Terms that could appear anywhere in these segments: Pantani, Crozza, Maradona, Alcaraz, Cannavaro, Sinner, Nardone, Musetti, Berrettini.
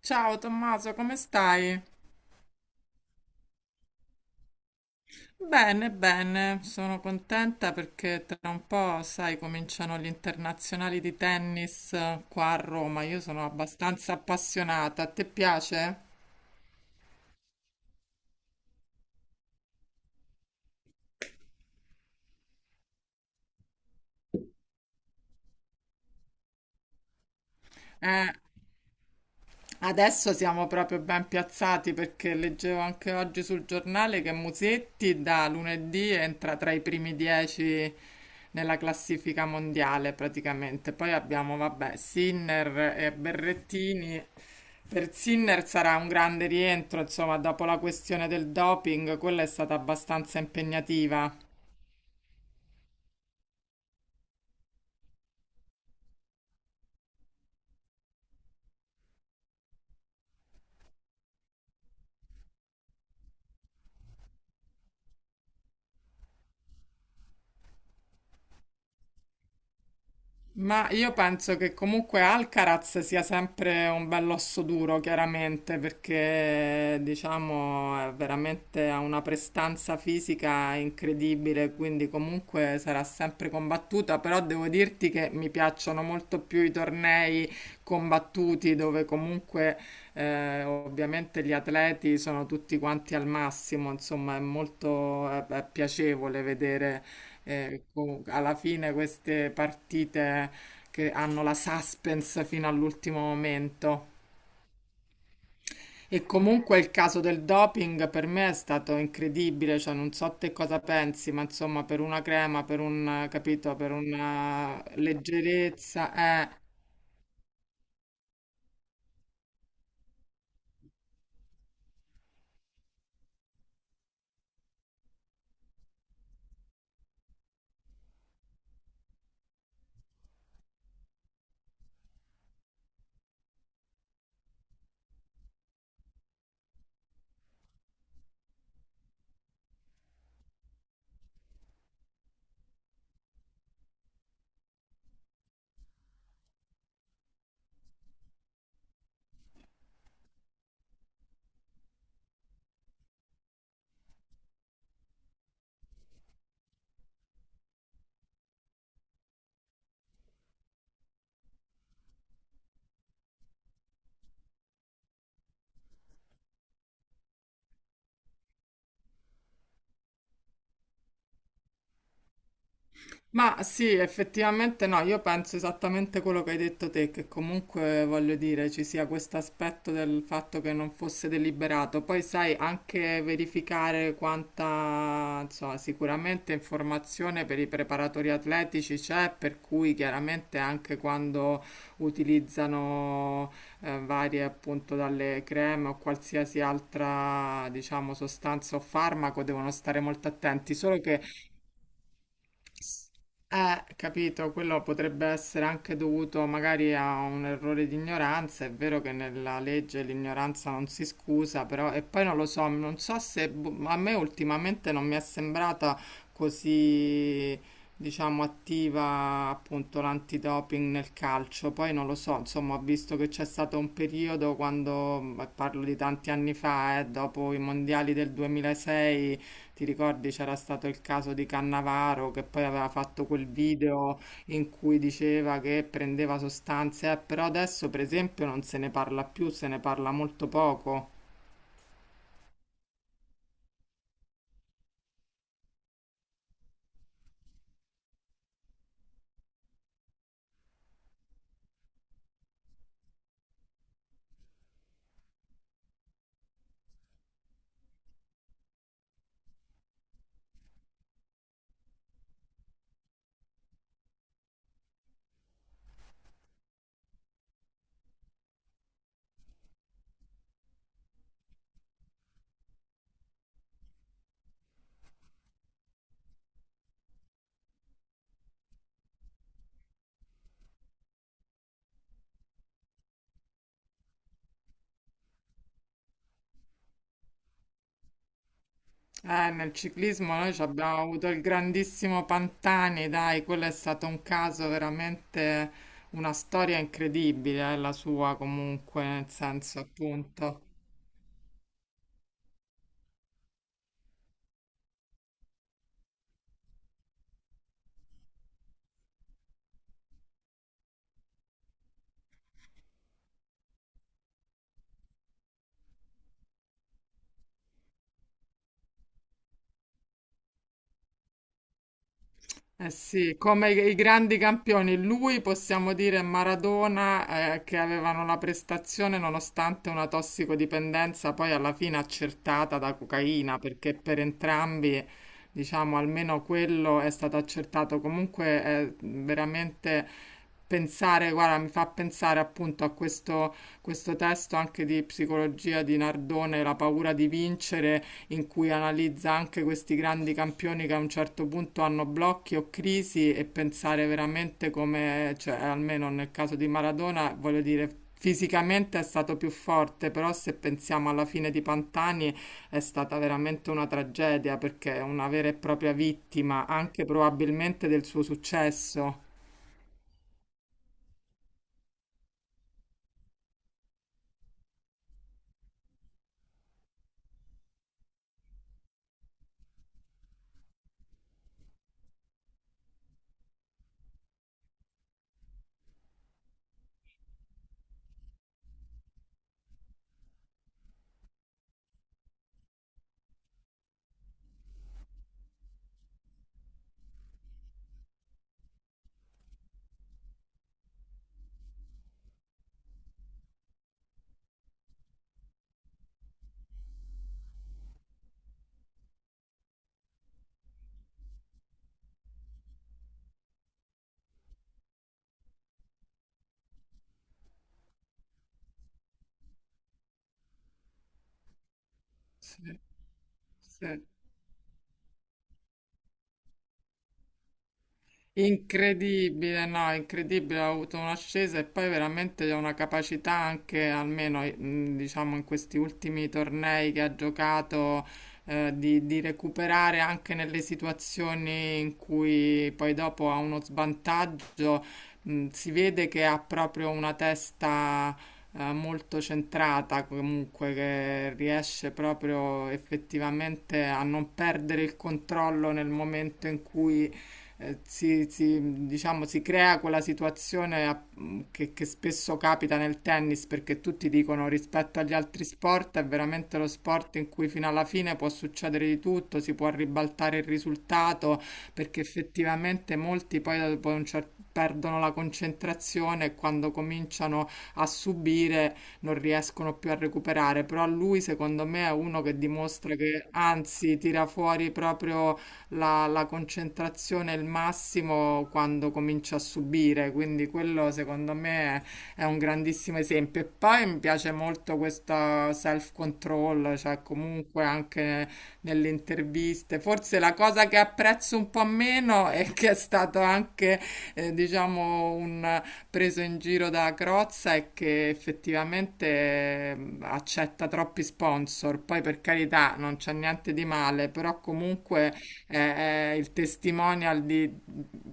Ciao Tommaso, come stai? Bene, bene, sono contenta perché tra un po', sai, cominciano gli internazionali di tennis qua a Roma. Io sono abbastanza appassionata. A te piace? Eh. Adesso siamo proprio ben piazzati perché leggevo anche oggi sul giornale che Musetti da lunedì entra tra i primi 10 nella classifica mondiale praticamente. Poi abbiamo, vabbè, Sinner e Berrettini. Per Sinner sarà un grande rientro, insomma, dopo la questione del doping, quella è stata abbastanza impegnativa. Ma io penso che comunque Alcaraz sia sempre un bell'osso duro, chiaramente, perché diciamo è veramente ha una prestanza fisica incredibile, quindi comunque sarà sempre combattuta, però devo dirti che mi piacciono molto più i tornei combattuti dove comunque ovviamente gli atleti sono tutti quanti al massimo, insomma, è molto è piacevole vedere e comunque, alla fine queste partite che hanno la suspense fino all'ultimo momento. E comunque il caso del doping per me è stato incredibile, cioè non so te cosa pensi, ma insomma per una crema, per un, capito, per una leggerezza, eh. Ma sì, effettivamente no, io penso esattamente quello che hai detto te, che comunque voglio dire ci sia questo aspetto del fatto che non fosse deliberato. Poi sai anche verificare quanta, insomma, sicuramente informazione per i preparatori atletici c'è, per cui chiaramente anche quando utilizzano varie appunto dalle creme o qualsiasi altra, diciamo, sostanza o farmaco devono stare molto attenti, solo che capito, quello potrebbe essere anche dovuto magari a un errore di ignoranza. È vero che nella legge l'ignoranza non si scusa, però e poi non lo so, non so se boh, a me ultimamente non mi è sembrata così, diciamo, attiva appunto l'antidoping nel calcio. Poi non lo so, insomma, ho visto che c'è stato un periodo quando, ma parlo di tanti anni fa, dopo i mondiali del 2006 ti ricordi c'era stato il caso di Cannavaro che poi aveva fatto quel video in cui diceva che prendeva sostanze, però adesso per esempio non se ne parla più, se ne parla molto poco. Nel ciclismo noi ci abbiamo avuto il grandissimo Pantani, dai, quello è stato un caso veramente una storia incredibile, la sua comunque, nel senso appunto. Eh sì, come i grandi campioni, lui possiamo dire Maradona, che avevano la prestazione nonostante una tossicodipendenza poi alla fine accertata da cocaina, perché per entrambi, diciamo, almeno quello è stato accertato. Comunque è veramente pensare, guarda, mi fa pensare appunto a questo testo anche di psicologia di Nardone, La paura di vincere, in cui analizza anche questi grandi campioni che a un certo punto hanno blocchi o crisi e pensare veramente come, cioè, almeno nel caso di Maradona, voglio dire, fisicamente è stato più forte, però se pensiamo alla fine di Pantani è stata veramente una tragedia perché è una vera e propria vittima, anche probabilmente del suo successo. Sì, sì. Incredibile, no, incredibile, ha avuto un'ascesa e poi veramente ha una capacità anche, almeno diciamo in questi ultimi tornei che ha giocato, di recuperare anche nelle situazioni in cui poi dopo ha uno svantaggio. Mh, si vede che ha proprio una testa, molto centrata, comunque che riesce proprio effettivamente a non perdere il controllo nel momento in cui diciamo, si crea quella situazione che spesso capita nel tennis perché tutti dicono rispetto agli altri sport è veramente lo sport in cui fino alla fine può succedere di tutto, si può ribaltare il risultato perché effettivamente molti poi dopo un perdono la concentrazione e quando cominciano a subire non riescono più a recuperare, però lui secondo me è uno che dimostra che anzi tira fuori proprio la concentrazione è il massimo quando comincia a subire, quindi quello secondo me è un grandissimo esempio. E poi mi piace molto questo self-control, cioè comunque anche nelle interviste. Forse la cosa che apprezzo un po' meno è che è stato anche, diciamo, un preso in giro da Crozza è che effettivamente accetta troppi sponsor. Poi per carità non c'è niente di male, però comunque è il testimonial di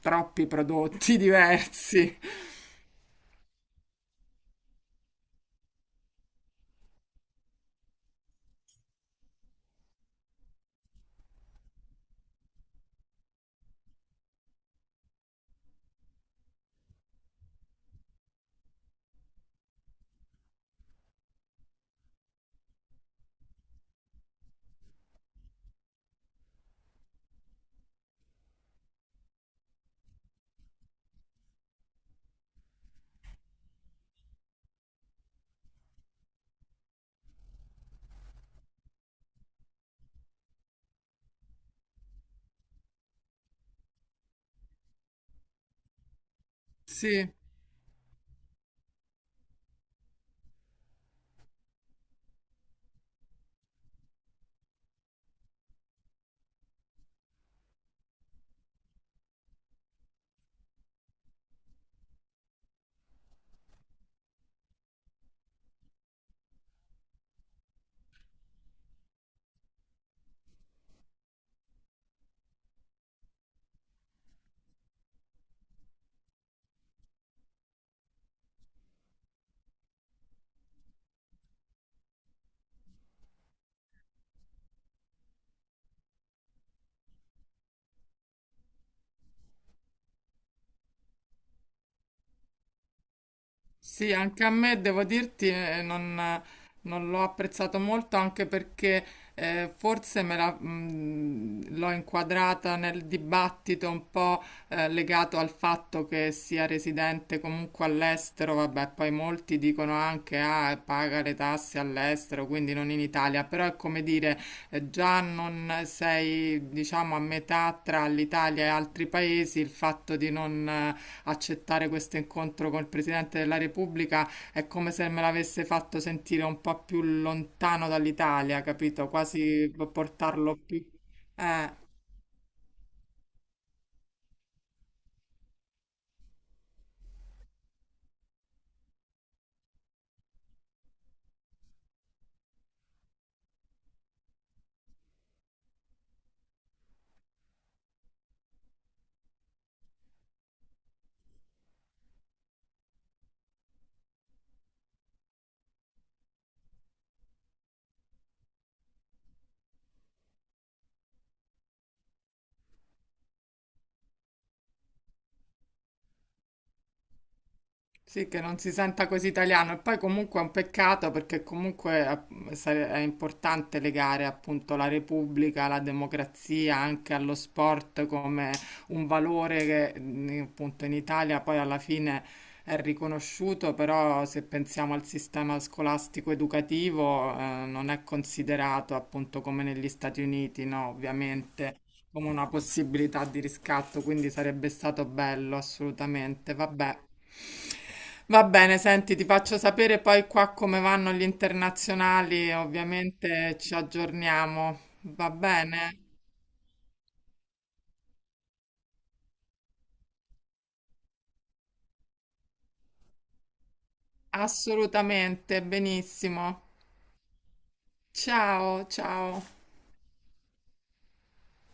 troppi prodotti diversi. Sì. Sì, anche a me devo dirti, non l'ho apprezzato molto anche perché l'ho inquadrata nel dibattito un po' legato al fatto che sia residente comunque all'estero, vabbè, poi molti dicono anche ah, paga le tasse all'estero, quindi non in Italia, però è come dire, già non sei, diciamo, a metà tra l'Italia e altri paesi, il fatto di non accettare questo incontro col Presidente della Repubblica è come se me l'avesse fatto sentire un po' più lontano dall'Italia, capito? Quasi portarlo più... Eh. Sì, che non si senta così italiano e poi comunque è un peccato perché comunque è importante legare appunto la Repubblica, la democrazia anche allo sport come un valore che appunto in Italia poi alla fine è riconosciuto, però se pensiamo al sistema scolastico educativo non è considerato appunto come negli Stati Uniti, no, ovviamente come una possibilità di riscatto, quindi sarebbe stato bello, assolutamente. Vabbè. Va bene, senti, ti faccio sapere poi qua come vanno gli internazionali, ovviamente ci aggiorniamo. Va bene? Assolutamente, benissimo. Ciao, ciao.